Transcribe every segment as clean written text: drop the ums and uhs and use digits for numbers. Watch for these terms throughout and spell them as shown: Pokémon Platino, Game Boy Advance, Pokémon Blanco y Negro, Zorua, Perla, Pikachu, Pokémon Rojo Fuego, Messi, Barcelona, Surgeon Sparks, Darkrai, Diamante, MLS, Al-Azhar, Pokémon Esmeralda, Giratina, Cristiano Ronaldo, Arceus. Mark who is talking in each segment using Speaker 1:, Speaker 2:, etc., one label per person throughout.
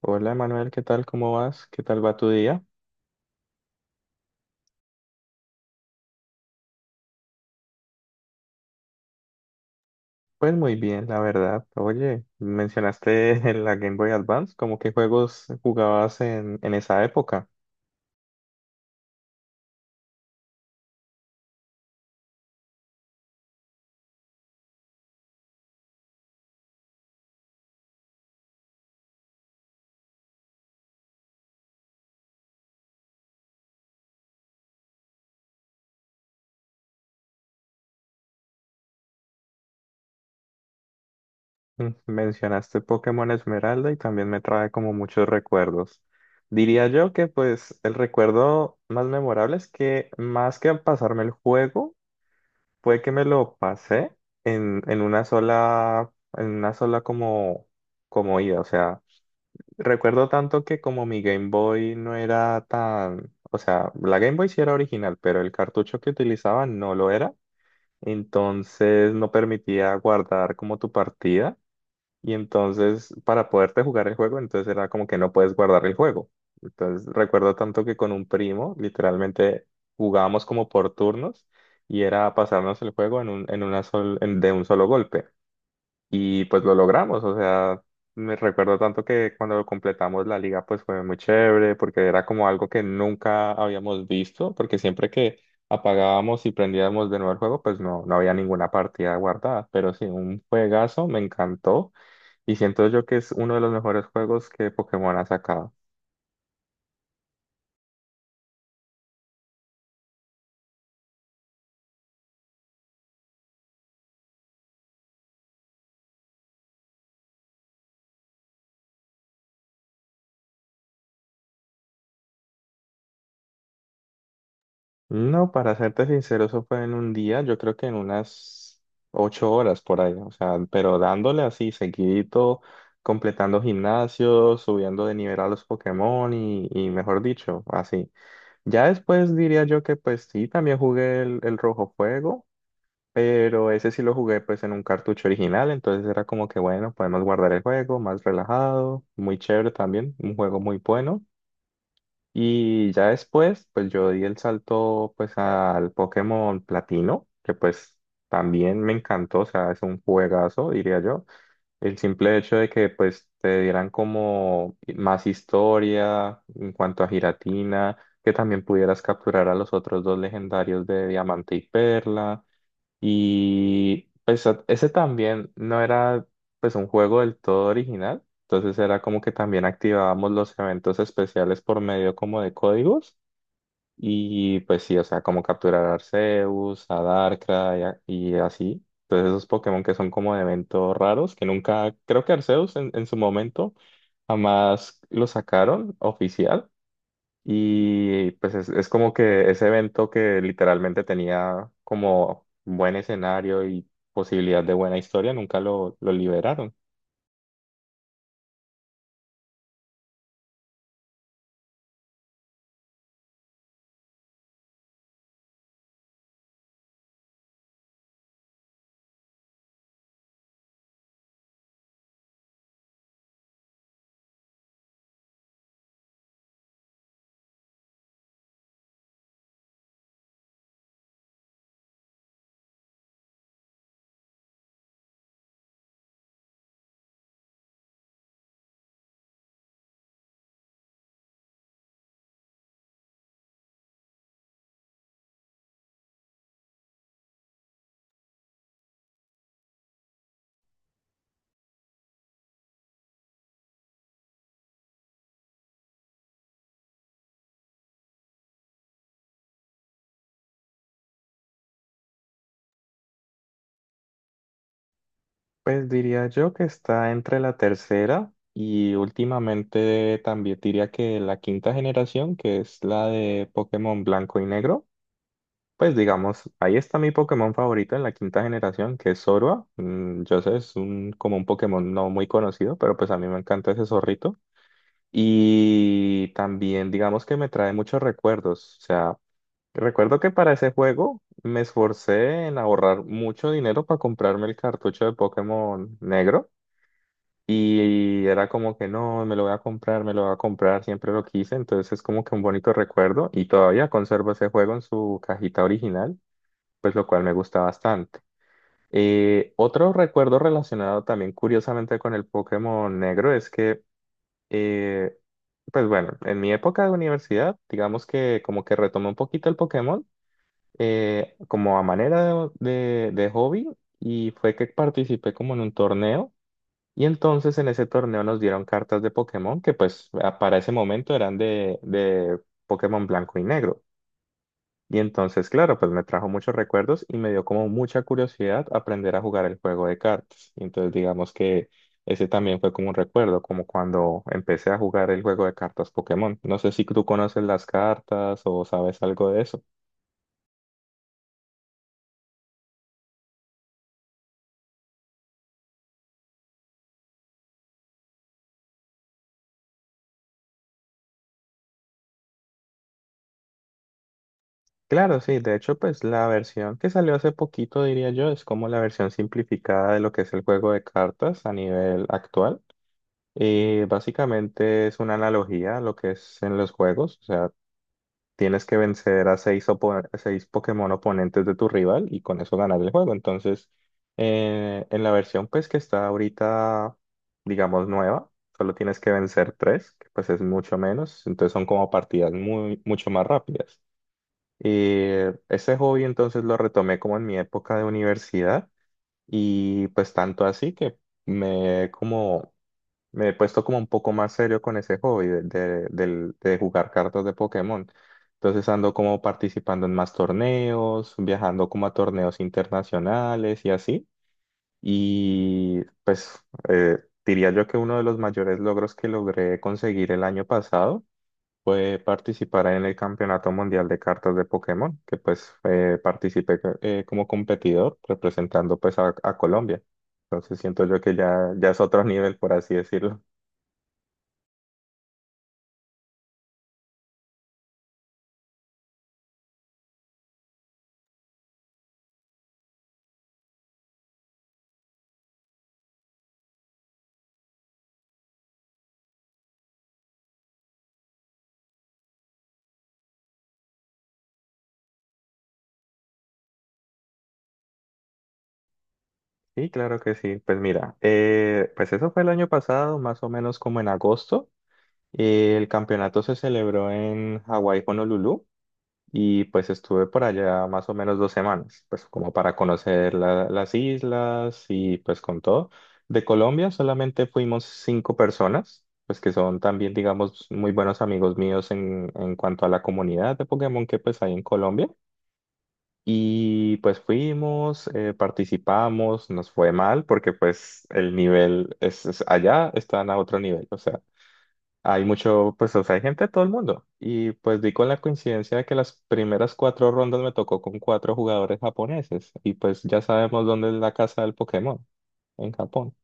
Speaker 1: Hola Manuel, ¿qué tal? ¿Cómo vas? ¿Qué tal va tu día? Pues muy bien, la verdad. Oye, mencionaste la Game Boy Advance, ¿cómo qué juegos jugabas en esa época? Mencionaste Pokémon Esmeralda y también me trae como muchos recuerdos. Diría yo que pues el recuerdo más memorable es que más que pasarme el juego, fue que me lo pasé en una sola como ida, o sea. Recuerdo tanto que como mi Game Boy no era tan, o sea, la Game Boy sí era original, pero el cartucho que utilizaba no lo era, entonces no permitía guardar como tu partida y entonces para poderte jugar el juego, entonces era como que no puedes guardar el juego. Entonces recuerdo tanto que con un primo literalmente jugábamos como por turnos y era pasarnos el juego en un, en una sol- en- de un solo golpe. Y pues lo logramos, o sea, me recuerdo tanto que cuando completamos la liga pues fue muy chévere porque era como algo que nunca habíamos visto, porque siempre que apagábamos y prendíamos de nuevo el juego pues no, no había ninguna partida guardada, pero sí, un juegazo, me encantó y siento yo que es uno de los mejores juegos que Pokémon ha sacado. No, para serte sincero, eso fue en un día, yo creo que en unas 8 horas por ahí, o sea, pero dándole así seguidito, completando gimnasios, subiendo de nivel a los Pokémon y mejor dicho, así. Ya después diría yo que pues sí, también jugué el Rojo Fuego, pero ese sí lo jugué pues en un cartucho original, entonces era como que bueno, podemos guardar el juego, más relajado, muy chévere también, un juego muy bueno. Y ya después, pues yo di el salto pues al Pokémon Platino, que pues también me encantó, o sea, es un juegazo, diría yo. El simple hecho de que pues te dieran como más historia en cuanto a Giratina, que también pudieras capturar a los otros dos legendarios de Diamante y Perla. Y pues ese también no era pues un juego del todo original, entonces era como que también activábamos los eventos especiales por medio como de códigos y pues sí, o sea, como capturar a Arceus, a Darkrai y así. Entonces esos Pokémon que son como de eventos raros, que nunca, creo que Arceus en su momento jamás lo sacaron oficial, y pues es como que ese evento que literalmente tenía como buen escenario y posibilidad de buena historia, nunca lo liberaron. Pues diría yo que está entre la tercera y últimamente también diría que la quinta generación, que es la de Pokémon Blanco y Negro. Pues digamos, ahí está mi Pokémon favorito en la quinta generación, que es Zorua. Yo sé, es un, como un Pokémon no muy conocido, pero pues a mí me encanta ese zorrito. Y también digamos que me trae muchos recuerdos. O sea, recuerdo que para ese juego me esforcé en ahorrar mucho dinero para comprarme el cartucho de Pokémon negro. Y era como que no, me lo voy a comprar, me lo voy a comprar, siempre lo quise. Entonces es como que un bonito recuerdo. Y todavía conservo ese juego en su cajita original, pues lo cual me gusta bastante. Otro recuerdo relacionado también curiosamente con el Pokémon negro es que eh, pues bueno, en mi época de universidad, digamos que como que retomé un poquito el Pokémon como a manera de hobby y fue que participé como en un torneo y entonces en ese torneo nos dieron cartas de Pokémon que pues para ese momento eran de Pokémon blanco y negro. Y entonces, claro, pues me trajo muchos recuerdos y me dio como mucha curiosidad aprender a jugar el juego de cartas. Y entonces digamos que ese también fue como un recuerdo, como cuando empecé a jugar el juego de cartas Pokémon. No sé si tú conoces las cartas o sabes algo de eso. Claro, sí, de hecho, pues la versión que salió hace poquito, diría yo, es como la versión simplificada de lo que es el juego de cartas a nivel actual. Y básicamente es una analogía a lo que es en los juegos. O sea, tienes que vencer a seis Pokémon oponentes de tu rival y con eso ganar el juego. Entonces, en la versión pues que está ahorita, digamos, nueva, solo tienes que vencer tres, que pues es mucho menos. Entonces son como partidas muy, mucho más rápidas. Y ese hobby entonces lo retomé como en mi época de universidad y pues tanto así que me he como me he puesto como un poco más serio con ese hobby de jugar cartas de Pokémon. Entonces ando como participando en más torneos, viajando como a torneos internacionales y así. Y pues eh, diría yo que uno de los mayores logros que logré conseguir el año pasado fue participar en el Campeonato Mundial de Cartas de Pokémon, que pues participé como competidor representando pues a Colombia. Entonces siento yo que ya, ya es otro nivel, por así decirlo. Sí, claro que sí. Pues mira, pues eso fue el año pasado, más o menos como en agosto. El campeonato se celebró en Hawái, Honolulu, y pues estuve por allá más o menos 2 semanas, pues como para conocer las islas y pues con todo. De Colombia solamente fuimos cinco personas, pues que son también, digamos, muy buenos amigos míos en cuanto a la comunidad de Pokémon que pues hay en Colombia. Y pues fuimos, participamos, nos fue mal porque pues el nivel es, allá están a otro nivel, o sea, hay mucho, pues o sea, hay gente de todo el mundo. Y pues di con la coincidencia de que las primeras cuatro rondas me tocó con cuatro jugadores japoneses y pues ya sabemos dónde es la casa del Pokémon, en Japón.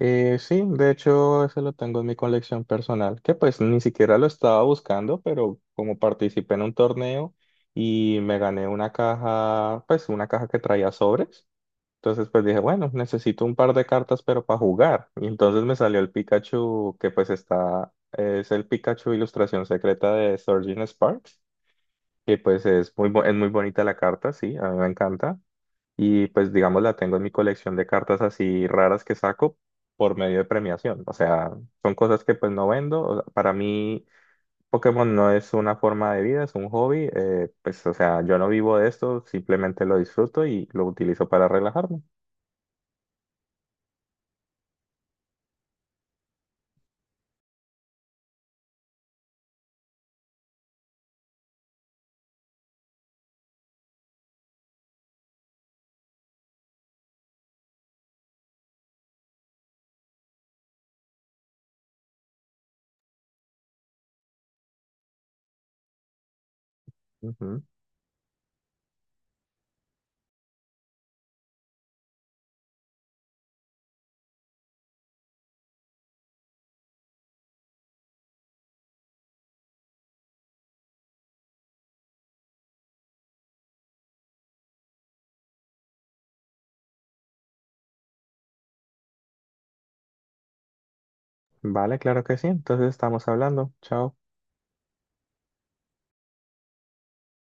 Speaker 1: Sí, de hecho, ese lo tengo en mi colección personal, que pues ni siquiera lo estaba buscando, pero como participé en un torneo y me gané una caja, pues una caja que traía sobres, entonces pues dije, bueno, necesito un par de cartas, pero para jugar. Y entonces me salió el Pikachu, que pues está, es el Pikachu ilustración secreta de Surgeon Sparks, que pues es muy bonita la carta, sí, a mí me encanta y pues digamos la tengo en mi colección de cartas así raras que saco por medio de premiación. O sea, son cosas que pues no vendo. O sea, para mí Pokémon no es una forma de vida, es un hobby. Pues o sea, yo no vivo de esto, simplemente lo disfruto y lo utilizo para relajarme. Ujú. Vale, claro que sí. Entonces estamos hablando. Chao.